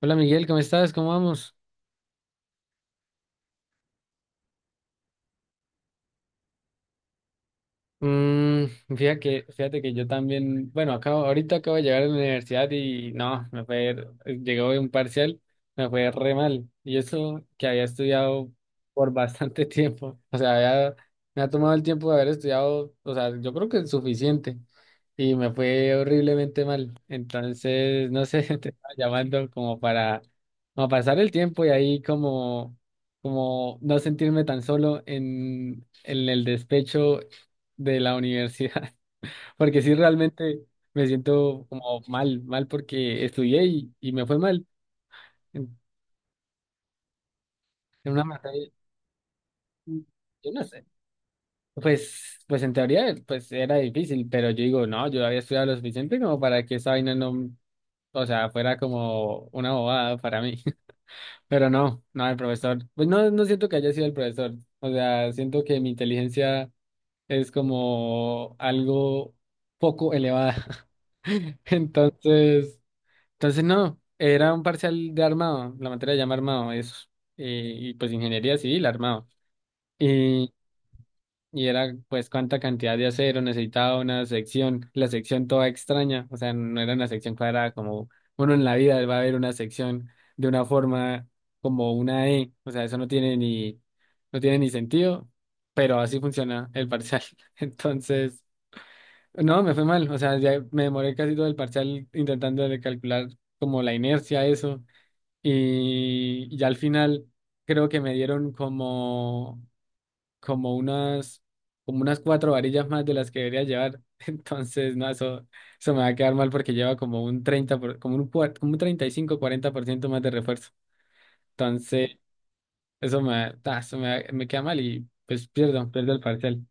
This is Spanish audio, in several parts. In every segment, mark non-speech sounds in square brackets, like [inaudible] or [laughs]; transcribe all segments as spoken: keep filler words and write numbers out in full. Hola Miguel, ¿cómo estás? ¿Cómo vamos? Mm. Fíjate que, fíjate que yo también, bueno, acabo, ahorita acabo de llegar a la universidad y no, me fue, llegó un parcial, me fue re mal. Y eso que había estudiado por bastante [laughs] tiempo, o sea, había- me ha tomado el tiempo de haber estudiado, o sea, yo creo que es suficiente y me fue horriblemente mal. Entonces, no sé, [laughs] te estaba llamando como para, como pasar el tiempo y ahí como, como no sentirme tan solo en, en el despecho de la universidad, [laughs] porque sí realmente me siento como mal, mal porque estudié y, y me fue mal en, en una materia. Yo no sé, pues, pues en teoría pues era difícil, pero yo digo, no, yo había estudiado lo suficiente como para que esa vaina no, o sea, fuera como una bobada para mí. [laughs] Pero no, no, el profesor, pues no, no siento que haya sido el profesor. O sea, siento que mi inteligencia es como algo poco elevada. [laughs] Entonces, Entonces, no, era un parcial de armado, la materia se llama armado, eso. Eh, y pues ingeniería civil, armado. Y, y era pues cuánta cantidad de acero necesitaba una sección, la sección toda extraña, o sea, no era una sección cuadrada como uno en la vida va a ver una sección de una forma como una E. O sea, eso no tiene ni, no tiene ni sentido, pero así funciona el parcial. [laughs] Entonces, no, me fue mal, o sea, ya me demoré casi todo el parcial intentando de calcular como la inercia, eso. Y ya al final creo que me dieron como, como unas, como unas cuatro varillas más de las que debería llevar. [laughs] Entonces, no, eso, eso me va a quedar mal porque lleva como un treinta por- como un, cuar- como un treinta y cinco cuarenta por ciento más de refuerzo. Entonces, eso me, ta, eso me, me queda mal y pues pierdo, pierdo el parcial.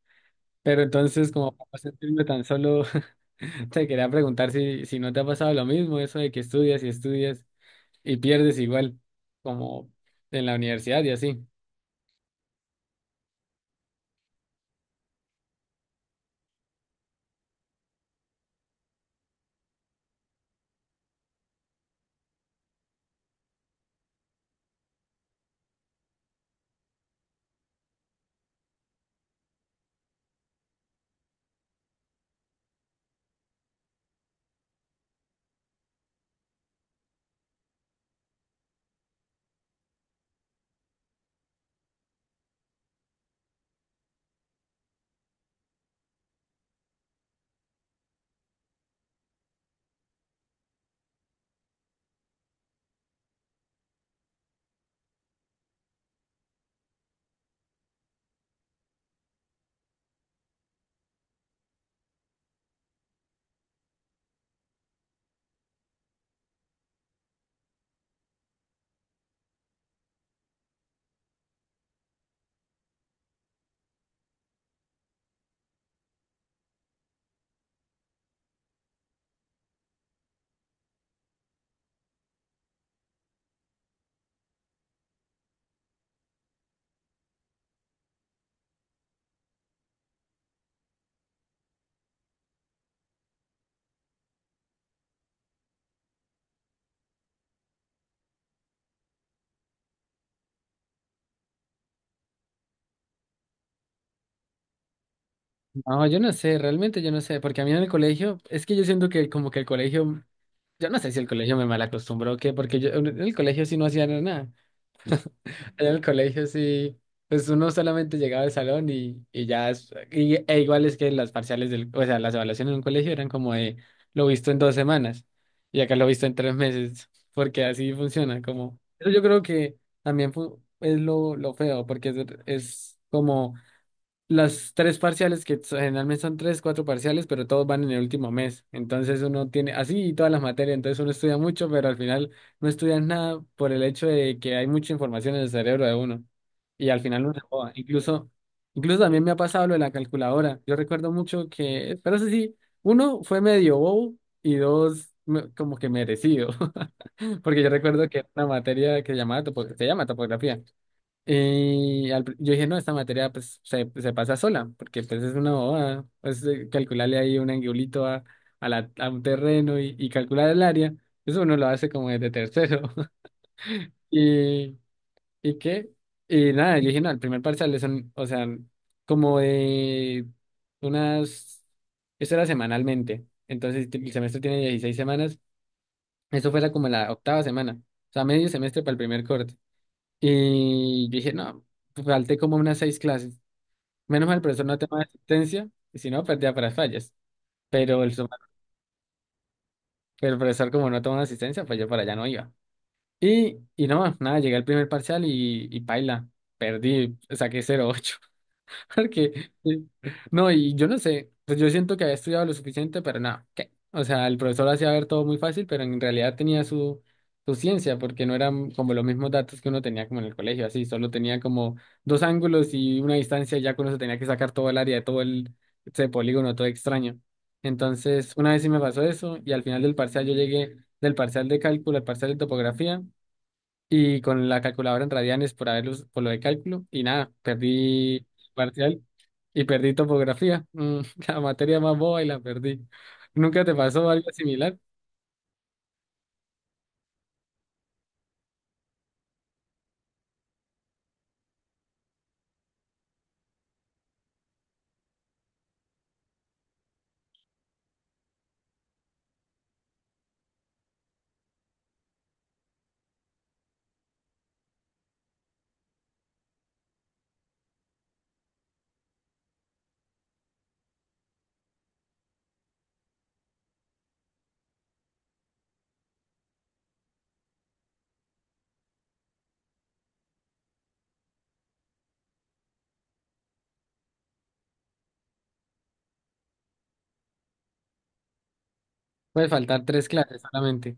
Pero entonces, como para no sentirme tan solo, [laughs] te quería preguntar si, si no te ha pasado lo mismo, eso de que estudias y estudias y pierdes igual, como en la universidad y así. No, yo no sé, realmente yo no sé, porque a mí en el colegio, es que yo siento que como que el colegio, yo no sé si el colegio me mal acostumbró o qué, porque yo en el colegio sí no hacía nada. En el colegio sí, pues uno solamente llegaba al salón y, y ya, es- y- e igual es que las parciales del, o sea, las evaluaciones en un colegio eran como de lo visto en dos semanas y acá lo visto en tres meses, porque así funciona, como, eso yo creo que también fu- es lo, lo feo, porque es, es como las tres parciales, que so- generalmente son tres, cuatro parciales, pero todos van en el último mes. Entonces uno tiene así y todas las materias, entonces uno estudia mucho, pero al final no estudia nada por el hecho de que hay mucha información en el cerebro de uno. Y al final uno se joda. Incluso, incluso también me ha pasado lo de la calculadora. Yo recuerdo mucho que, pero eso sí, uno fue medio bobo y dos me- como que merecido. [laughs] Porque yo recuerdo que era una materia que se llamaba topo- se llama topografía. Y al pr- yo dije, no, esta materia pues se, se pasa sola, porque pues es una bobada, pues eh, calcularle ahí un angulito a, a, la, a un terreno y, y calcular el área, eso uno lo hace como desde tercero. [laughs] ¿Y, y qué? Y nada, yo dije, no, el primer parcial es, un- o sea, como de unas, eso era semanalmente, entonces el semestre tiene dieciséis semanas, eso fuera como la octava semana, o sea, medio semestre para el primer corte. Y yo dije, no, falté como unas seis clases. Menos mal el profesor no toma asistencia, y si no, perdía para las fallas. Pero el, suma- pero el profesor, como no tomó asistencia, pues yo para allá no iba. Y, y no, nada, llegué al primer parcial y, y paila, perdí, saqué cero punto ocho. [laughs] Porque, sí. No, y yo no sé, pues yo siento que había estudiado lo suficiente, pero nada, ¿qué? O sea, el profesor hacía ver todo muy fácil, pero en realidad tenía su, su ciencia, porque no eran como los mismos datos que uno tenía como en el colegio, así, solo tenía como dos ángulos y una distancia, ya que uno se tenía que sacar todo el área de todo el, ese polígono, todo extraño. Entonces, una vez sí me pasó eso, y al final del parcial yo llegué del parcial de cálculo al parcial de topografía, y con la calculadora en radianes por haberlos, por lo de cálculo, y nada, perdí parcial y perdí topografía, mm, [laughs] la materia más boba y la perdí. ¿Nunca te pasó algo similar? Puede faltar tres clases solamente.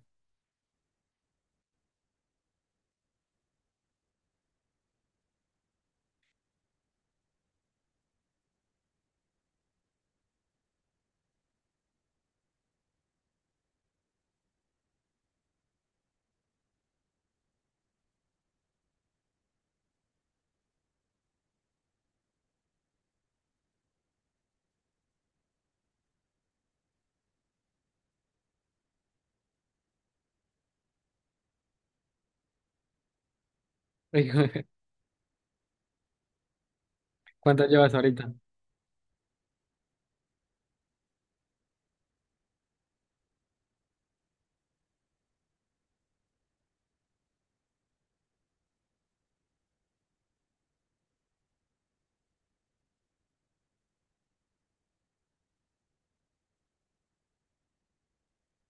[laughs] ¿Cuántas llevas ahorita?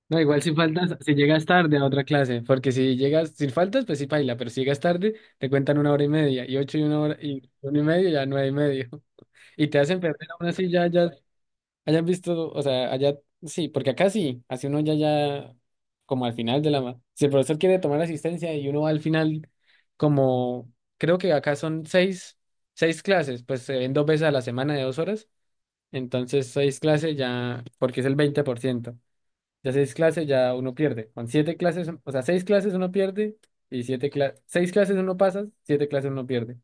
No, igual si faltas, si llegas tarde a otra clase, porque si llegas, si faltas, pues sí paila, pero si llegas tarde, te cuentan una hora y media, y ocho y una hora, y una y media, ya nueve y medio, [laughs] y te hacen perder aún así ya, ya hayan visto. O sea, allá sí, porque acá sí, así uno ya, ya, como al final de la. Si el profesor quiere tomar asistencia y uno va al final, como creo que acá son seis, seis clases, pues se ven dos veces a la semana de dos horas, entonces seis clases ya, porque es el veinte por ciento, ya seis clases ya uno pierde, con siete clases, o sea, seis clases uno pierde y siete clases, seis clases uno pasa, siete clases uno pierde.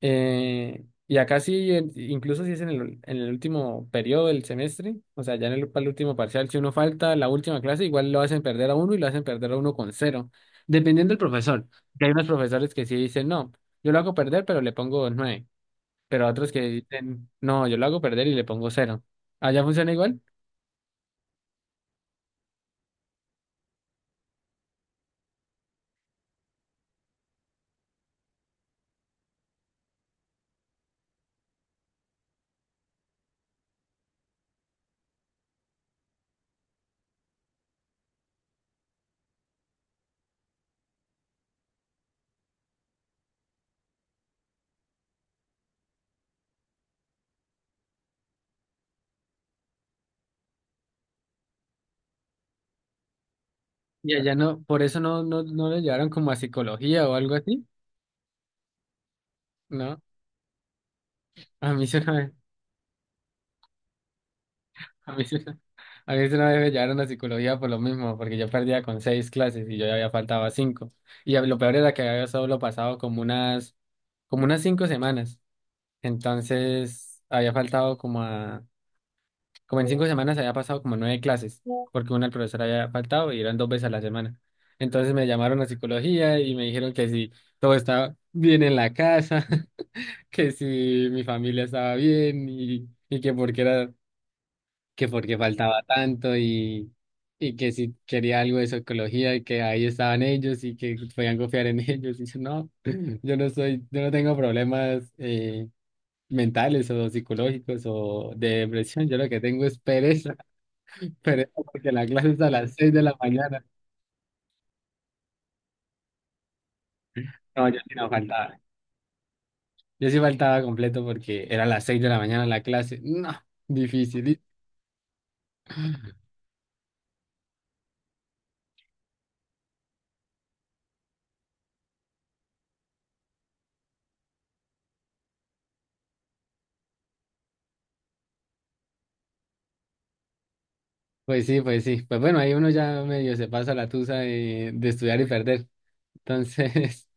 Eh, y acá sí, en- incluso si es en el, en el, último periodo del semestre, o sea, ya en el, para el último parcial, si uno falta la última clase, igual lo hacen perder a uno y lo hacen perder a uno con cero, dependiendo del profesor. Que hay unos profesores que sí dicen, no, yo lo hago perder, pero le pongo nueve, pero otros que dicen, no, yo lo hago perder y le pongo cero. Allá funciona igual. Y allá no, por eso no, no, no le llevaron como a psicología o algo así, ¿no? A mí sí. [laughs] [laughs] A mí, sí- [laughs] a mí sí una vez me llevaron a psicología por lo mismo, porque yo perdía con seis clases y yo ya había faltado a cinco. Y lo peor era que había solo pasado como unas, como unas cinco semanas. Entonces había faltado como a, como en cinco semanas había pasado como nueve clases, porque una el profesor había faltado y eran dos veces a la semana. Entonces me llamaron a psicología y me dijeron que si todo estaba bien en la casa, [laughs] que si mi familia estaba bien y, y que porque era que porque faltaba tanto y, y que si quería algo de psicología y que ahí estaban ellos y que podían confiar en [laughs] ellos. Y yo, no, [laughs] yo no soy, yo no tengo problemas eh, mentales o psicológicos o de depresión. Yo lo que tengo es pereza, [laughs] pereza porque la clase es a las seis de la mañana. No, yo sí no faltaba. Yo sí faltaba completo porque era a las seis de la mañana la clase. No, difícil. Pues sí, pues sí. Pues bueno, ahí uno ya medio se pasa la tusa de, de estudiar y perder. Entonces,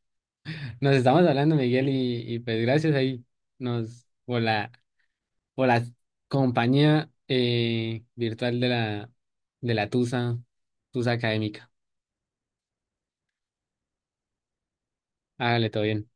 nos estamos hablando, Miguel, y, y pues gracias ahí nos por la por la compañía eh, virtual de la de la Tusa, Tusa Académica. Hágale todo bien.